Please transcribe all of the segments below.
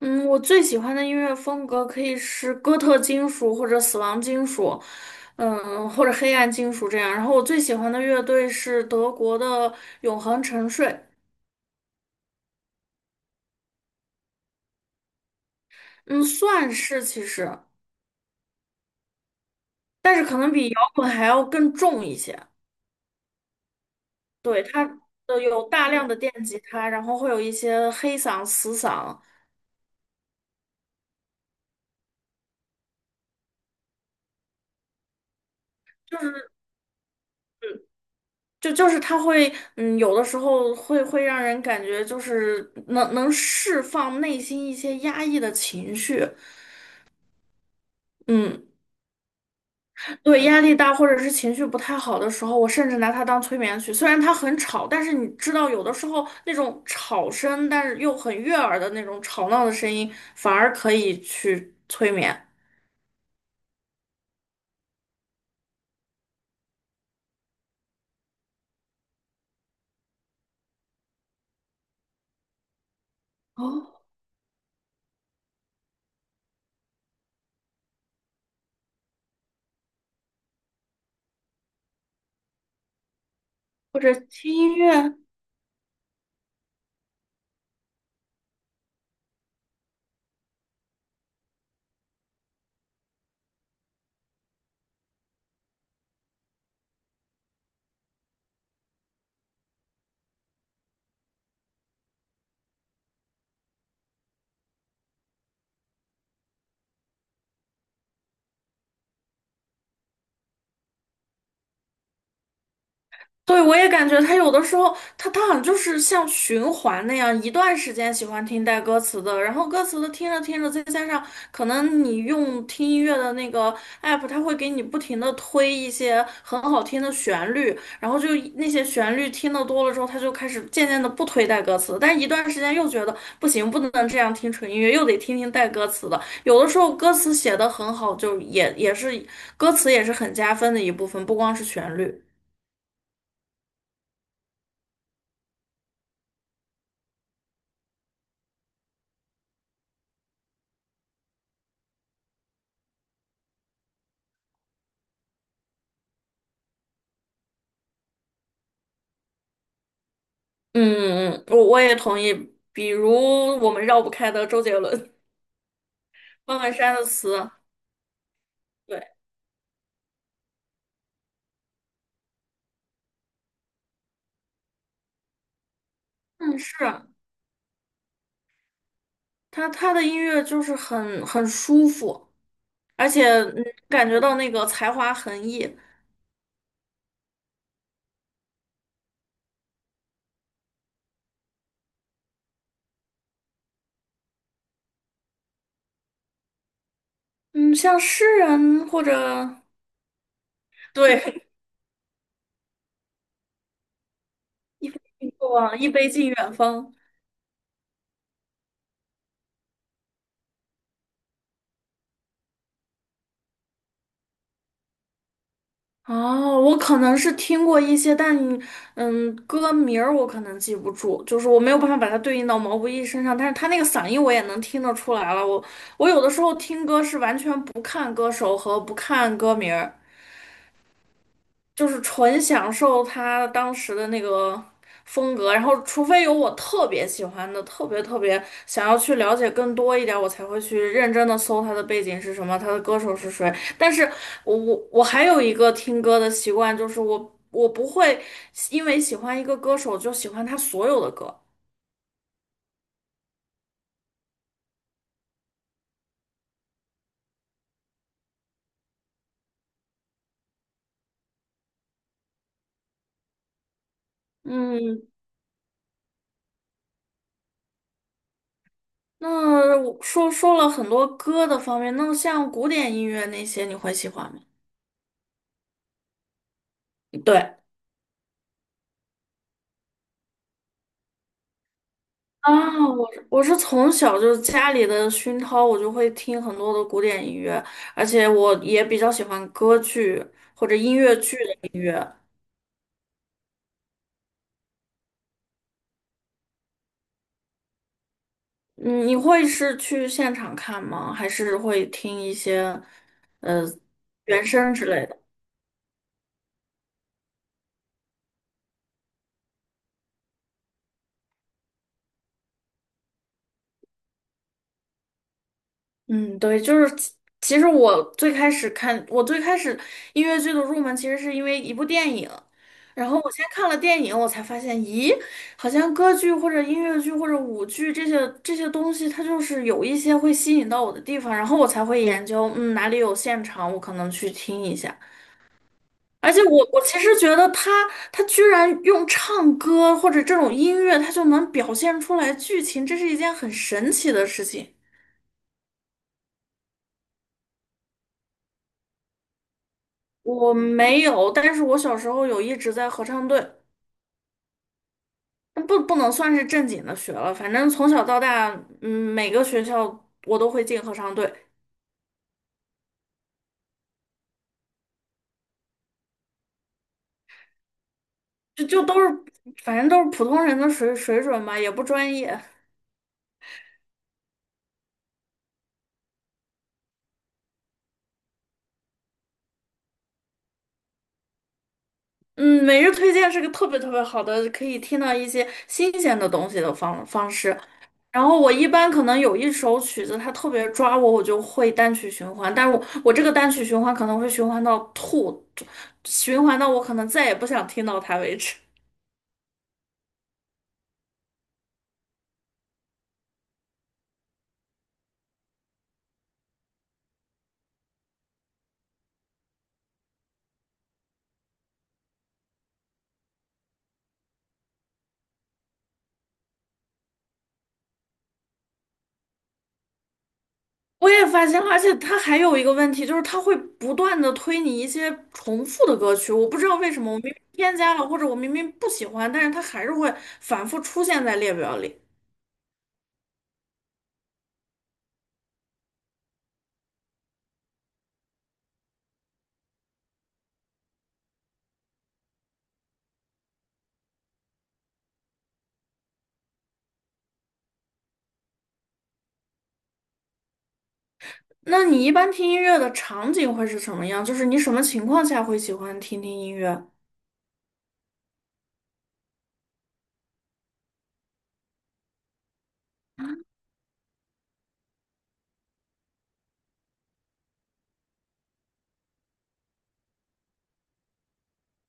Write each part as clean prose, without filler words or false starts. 嗯，我最喜欢的音乐风格可以是哥特金属或者死亡金属，或者黑暗金属这样。然后我最喜欢的乐队是德国的永恒沉睡，嗯，算是其实，但是可能比摇滚还要更重一些。对，它的有大量的电吉他，然后会有一些黑嗓、死嗓，就是就是它会，有的时候会让人感觉就是能释放内心一些压抑的情绪，嗯。对，压力大或者是情绪不太好的时候，我甚至拿它当催眠曲。虽然它很吵，但是你知道，有的时候那种吵声，但是又很悦耳的那种吵闹的声音，反而可以去催眠。哦，或者听音乐，对，我也感觉他有的时候，他好像就是像循环那样，一段时间喜欢听带歌词的，然后歌词的听着听着，再加上可能你用听音乐的那个 app，它会给你不停的推一些很好听的旋律，然后就那些旋律听的多了之后，他就开始渐渐的不推带歌词，但一段时间又觉得不行，不能这样听纯音乐，又得听听带歌词的。有的时候歌词写的很好，就也是歌词也是很加分的一部分，不光是旋律。嗯嗯，我也同意。比如我们绕不开的周杰伦、方文山的词，对，嗯，是他的音乐就是很舒服，而且感觉到那个才华横溢。嗯，像诗人或者对，一杯敬过往，一杯敬远方。哦，我可能是听过一些，但歌名儿我可能记不住，就是我没有办法把它对应到毛不易身上，但是他那个嗓音我也能听得出来了。我有的时候听歌是完全不看歌手和不看歌名儿。就是纯享受他当时的那个风格，然后除非有我特别喜欢的，特别特别想要去了解更多一点，我才会去认真的搜他的背景是什么，他的歌手是谁。但是我还有一个听歌的习惯，就是我不会因为喜欢一个歌手就喜欢他所有的歌。嗯，那我说了很多歌的方面，那像古典音乐那些你会喜欢吗？对。啊，我是从小就是家里的熏陶，我就会听很多的古典音乐，而且我也比较喜欢歌剧或者音乐剧的音乐。嗯，你会是去现场看吗？还是会听一些呃原声之类的？嗯，对，就是其实我最开始看，我最开始音乐剧的入门其实是因为一部电影，然后我先看了电影，我才发现，咦，好像歌剧或者音乐剧或者舞剧这些东西，它就是有一些会吸引到我的地方，然后我才会研究，哪里有现场，我可能去听一下。而且我其实觉得他居然用唱歌或者这种音乐，他就能表现出来剧情，这是一件很神奇的事情。我没有，但是我小时候有一直在合唱队，那不能算是正经的学了，反正从小到大，每个学校我都会进合唱队，就都是，反正都是普通人的水准吧，也不专业。嗯，每日推荐是个特别特别好的，可以听到一些新鲜的东西的方式。然后我一般可能有一首曲子，它特别抓我，我就会单曲循环。但是我这个单曲循环可能会循环到吐，循环到我可能再也不想听到它为止。我也发现了，而且它还有一个问题，就是它会不断的推你一些重复的歌曲，我不知道为什么，我明明添加了，或者我明明不喜欢，但是它还是会反复出现在列表里。那你一般听音乐的场景会是什么样？就是你什么情况下会喜欢听听音乐？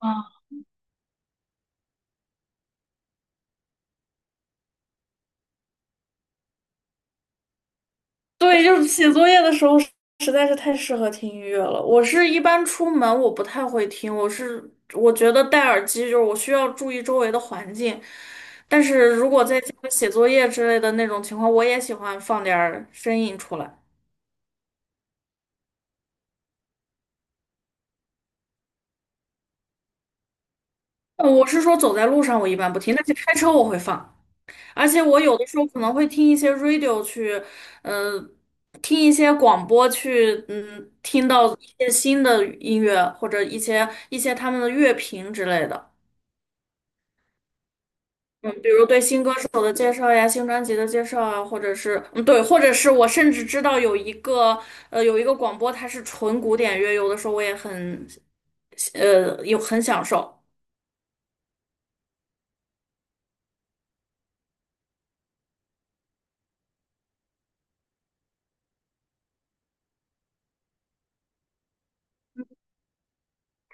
啊。对，就是写作业的时候实在是太适合听音乐了。我是一般出门我不太会听，我觉得戴耳机就是我需要注意周围的环境，但是如果在家里写作业之类的那种情况，我也喜欢放点儿声音出来。我是说走在路上我一般不听，但是开车我会放。而且我有的时候可能会听一些 radio 去，嗯、听一些广播去，听到一些新的音乐或者一些他们的乐评之类的，嗯，比如对新歌手的介绍呀、新专辑的介绍啊，或者是，对，或者是我甚至知道有一个，有一个广播它是纯古典乐，有的时候我也很，有很享受，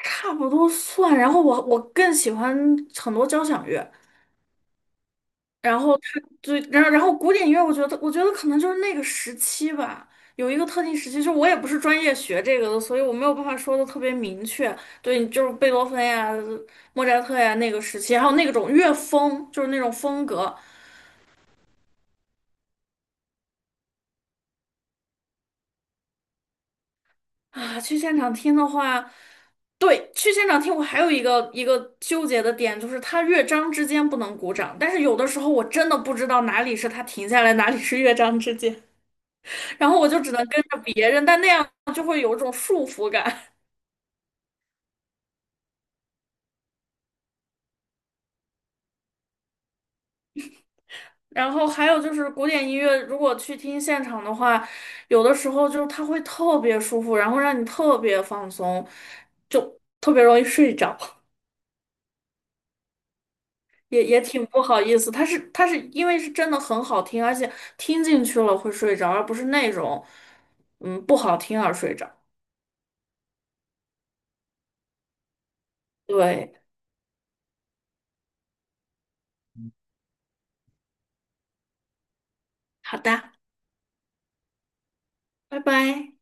差不多算。然后我更喜欢很多交响乐。然后他对，然后古典音乐，我觉得可能就是那个时期吧，有一个特定时期，就是我也不是专业学这个的，所以我没有办法说的特别明确。对，就是贝多芬呀、莫扎特呀那个时期，还有那种乐风，就是那种风格啊。去现场听的话，对，去现场听我还有一个纠结的点，就是它乐章之间不能鼓掌，但是有的时候我真的不知道哪里是它停下来，哪里是乐章之间。然后我就只能跟着别人，但那样就会有一种束缚感。然后还有就是古典音乐，如果去听现场的话，有的时候就是它会特别舒服，然后让你特别放松，就特别容易睡着，也挺不好意思。它是因为是真的很好听，而且听进去了会睡着，而不是那种不好听而睡着。对，好的，拜拜。